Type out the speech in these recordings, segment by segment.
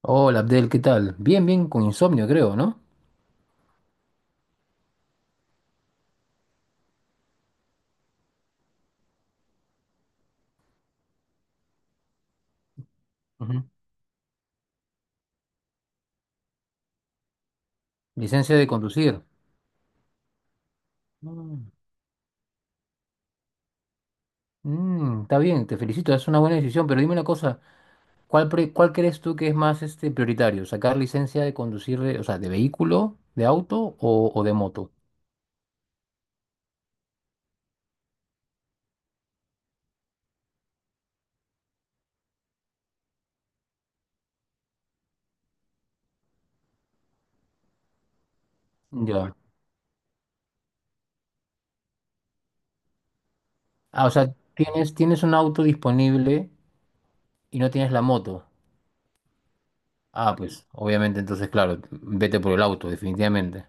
Hola Abdel, ¿qué tal? Bien, bien, con insomnio creo, ¿no? Ujú. Licencia de conducir. Mm, mm, está bien, te felicito, es una buena decisión, pero dime una cosa, ¿cuál, cuál crees tú que es más prioritario? ¿Sacar licencia de conducir, o sea, de vehículo, de auto o de moto? Bueno, ya. Ah, o sea, tienes un auto disponible y no tienes la moto. Ah, pues, obviamente, entonces, claro, vete por el auto, definitivamente.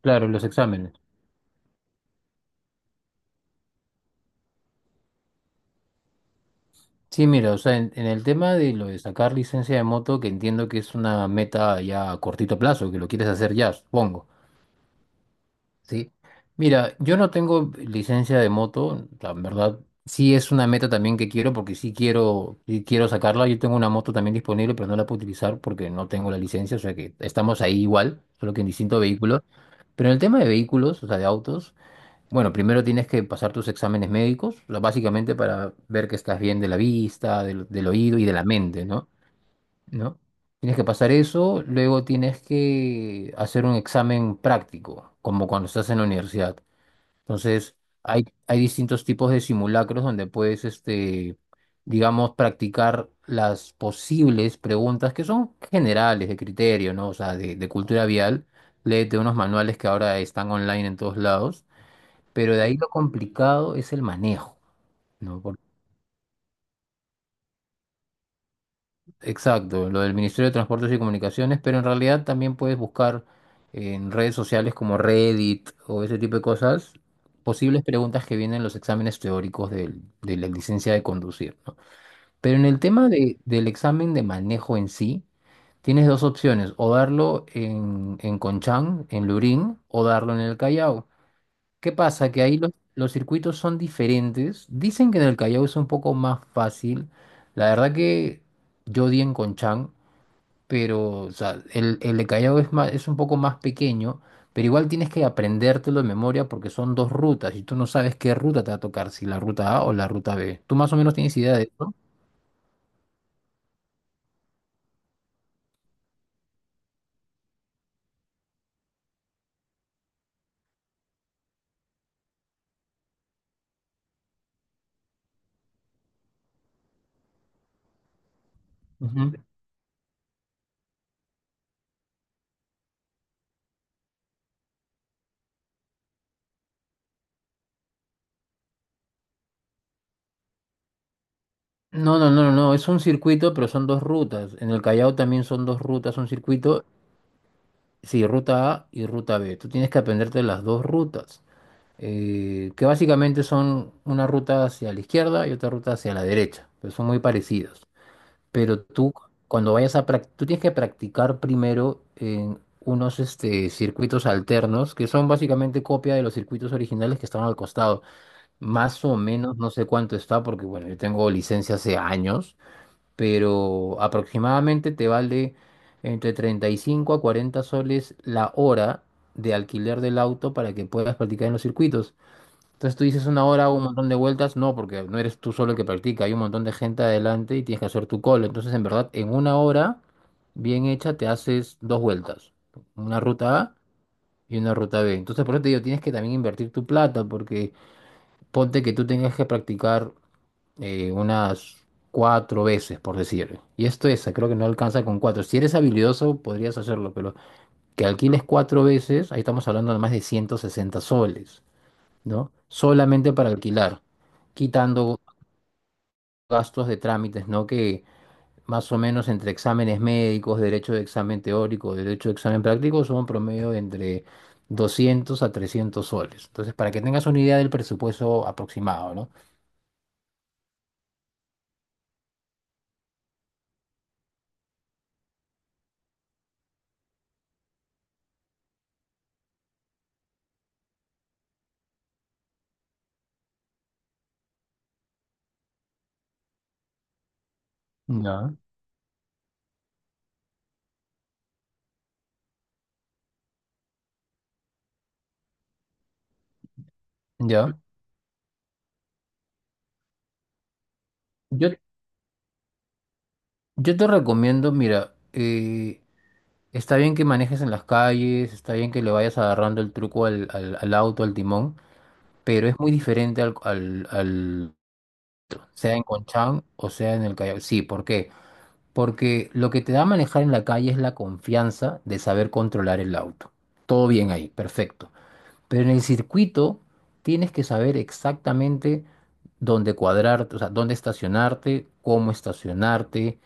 Claro, los exámenes. Sí, mira, o sea, en el tema de lo de sacar licencia de moto, que entiendo que es una meta ya a cortito plazo, que lo quieres hacer ya, supongo, ¿sí? Mira, yo no tengo licencia de moto, la verdad, sí es una meta también que quiero, porque sí quiero sacarla. Yo tengo una moto también disponible, pero no la puedo utilizar porque no tengo la licencia, o sea que estamos ahí igual, solo que en distinto vehículo. Pero en el tema de vehículos, o sea, de autos. Bueno, primero tienes que pasar tus exámenes médicos, o sea, básicamente para ver que estás bien de la vista, del oído y de la mente, ¿no? ¿No? Tienes que pasar eso, luego tienes que hacer un examen práctico, como cuando estás en la universidad. Entonces, hay distintos tipos de simulacros donde puedes, digamos, practicar las posibles preguntas que son generales de criterio, ¿no? O sea, de cultura vial. Léete unos manuales que ahora están online en todos lados, pero de ahí lo complicado es el manejo, ¿no? Exacto, lo del Ministerio de Transportes y Comunicaciones, pero en realidad también puedes buscar en redes sociales como Reddit o ese tipo de cosas, posibles preguntas que vienen en los exámenes teóricos de la licencia de conducir, ¿no? Pero en el tema del examen de manejo en sí, tienes dos opciones, o darlo en Conchán, en Lurín, o darlo en el Callao. ¿Qué pasa? Que ahí los circuitos son diferentes. Dicen que en el Callao es un poco más fácil. La verdad que yo di en Conchán, pero o sea, el de Callao es más, es un poco más pequeño, pero igual tienes que aprendértelo de memoria porque son dos rutas y tú no sabes qué ruta te va a tocar, si la ruta A o la ruta B. ¿Tú más o menos tienes idea de eso? Ujú. No, no, es un circuito, pero son dos rutas. En el Callao también son dos rutas, un circuito, sí, ruta A y ruta B. Tú tienes que aprenderte las dos rutas. Eh, que básicamente son una ruta hacia la izquierda y otra ruta hacia la derecha, pero son muy parecidos. Pero tú, cuando vayas a practicar, tú tienes que practicar primero en unos circuitos alternos, que son básicamente copia de los circuitos originales que estaban al costado. Más o menos, no sé cuánto está, porque bueno, yo tengo licencia hace años, pero aproximadamente te vale entre 35 a 40 soles la hora de alquiler del auto para que puedas practicar en los circuitos. Entonces tú dices una hora, hago un montón de vueltas, no, porque no eres tú solo el que practica, hay un montón de gente adelante y tienes que hacer tu call. Entonces, en verdad, en una hora bien hecha te haces dos vueltas, una ruta A y una ruta B. Entonces, por eso te digo, tienes que también invertir tu plata, porque ponte que tú tengas que practicar unas cuatro veces, por decir. Y esto es, creo que no alcanza con cuatro. Si eres habilidoso, podrías hacerlo, pero que alquiles cuatro veces, ahí estamos hablando de más de 160 soles. ¿No? Solamente para alquilar, quitando gastos de trámites, ¿no? Que más o menos entre exámenes médicos, derecho de examen teórico, derecho de examen práctico, son promedio de entre 200 a 300 soles. Entonces, para que tengas una idea del presupuesto aproximado, ¿no? Ya. Ya. Yo, yo te recomiendo, mira, está bien que manejes en las calles, está bien que le vayas agarrando el truco al al auto, al timón, pero es muy diferente al al, sea en Conchán o sea en el Callao. Sí, ¿por qué? Porque lo que te da manejar en la calle es la confianza de saber controlar el auto. Todo bien ahí, perfecto. Pero en el circuito tienes que saber exactamente dónde cuadrarte, o sea, dónde estacionarte,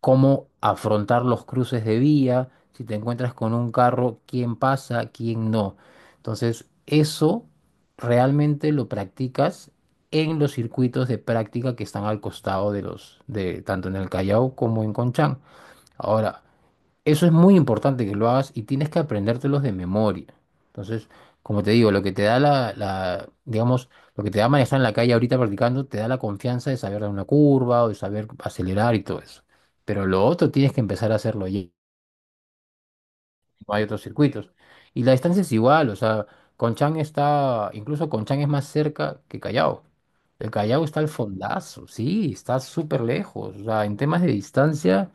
cómo afrontar los cruces de vía, si te encuentras con un carro, quién pasa, quién no. Entonces, eso realmente lo practicas en los circuitos de práctica que están al costado de los, de tanto en el Callao como en Conchán. Ahora, eso es muy importante que lo hagas y tienes que aprendértelos de memoria. Entonces, como te digo, lo que te da la digamos, lo que te da manejar en la calle ahorita practicando, te da la confianza de saber dar una curva o de saber acelerar y todo eso. Pero lo otro tienes que empezar a hacerlo y no hay otros circuitos. Y la distancia es igual, o sea, Conchán está, incluso Conchán es más cerca que Callao. El Callao está al fondazo, sí, está súper lejos. O sea, en temas de distancia,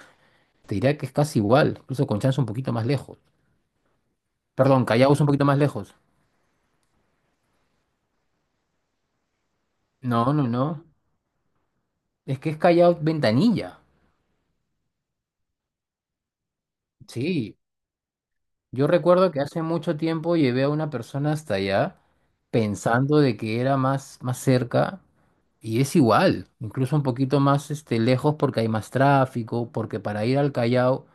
te diría que es casi igual, incluso Conchán es un poquito más lejos. Perdón, Callao es un poquito más lejos. No, no. Es que es Callao Ventanilla. Sí, yo recuerdo que hace mucho tiempo llevé a una persona hasta allá pensando de que era más, más cerca y es igual, incluso un poquito más lejos porque hay más tráfico, porque para ir al Callao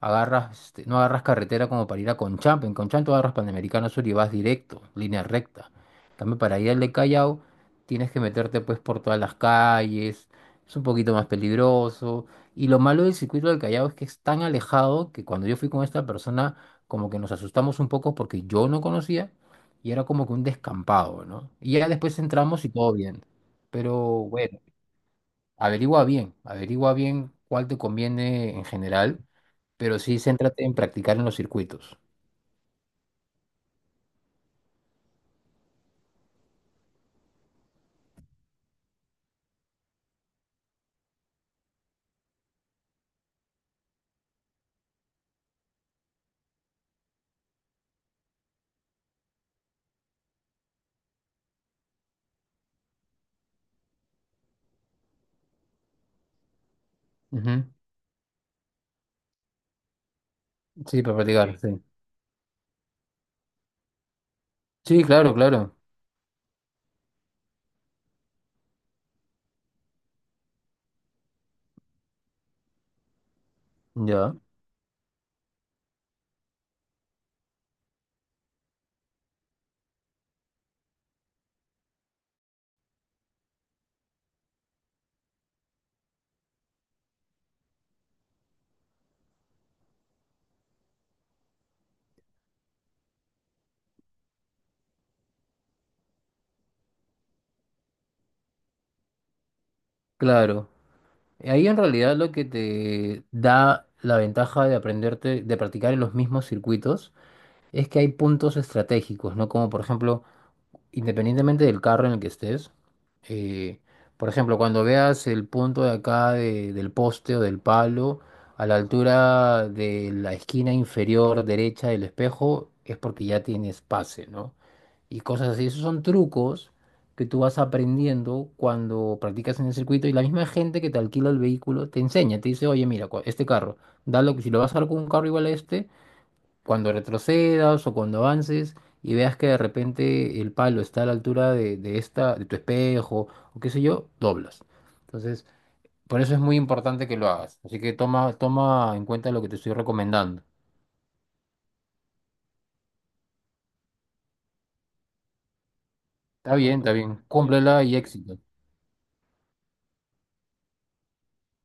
agarras, no agarras carretera como para ir a Conchamp, en Conchamp tú agarras Panamericano Sur y vas directo, línea recta. En cambio, para ir al de Callao tienes que meterte pues por todas las calles, es un poquito más peligroso. Y lo malo del circuito del Callao es que es tan alejado que cuando yo fui con esta persona como que nos asustamos un poco porque yo no conocía y era como que un descampado, ¿no? Y ya después entramos y todo bien. Pero bueno, averigua bien cuál te conviene en general, pero sí céntrate en practicar en los circuitos. Ujú. Sí, para practicar, sí, sí. Sí, claro, claro. Ya, claro. Ahí en realidad lo que te da la ventaja de aprenderte, de practicar en los mismos circuitos, es que hay puntos estratégicos, ¿no? Como por ejemplo, independientemente del carro en el que estés, eh, por ejemplo, cuando veas el punto de acá del poste o del palo, a la altura de la esquina inferior derecha del espejo, es porque ya tienes pase, ¿no? Y cosas así. Esos son trucos que tú vas aprendiendo cuando practicas en el circuito y la misma gente que te alquila el vehículo te enseña, te dice, oye, mira, este carro, dalo, si lo vas a dar con un carro igual a este, cuando retrocedas o cuando avances y veas que de repente el palo está a la altura de esta, de tu espejo o qué sé yo, doblas. Entonces, por eso es muy importante que lo hagas. Así que toma, toma en cuenta lo que te estoy recomendando. Está bien, está bien. Cúmplela y éxito.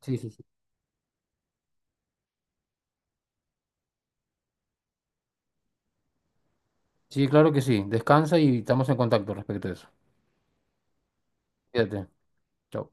Sí, sí, sí. Sí, claro que sí. Descansa y estamos en contacto respecto a eso. Cuídate. Chao.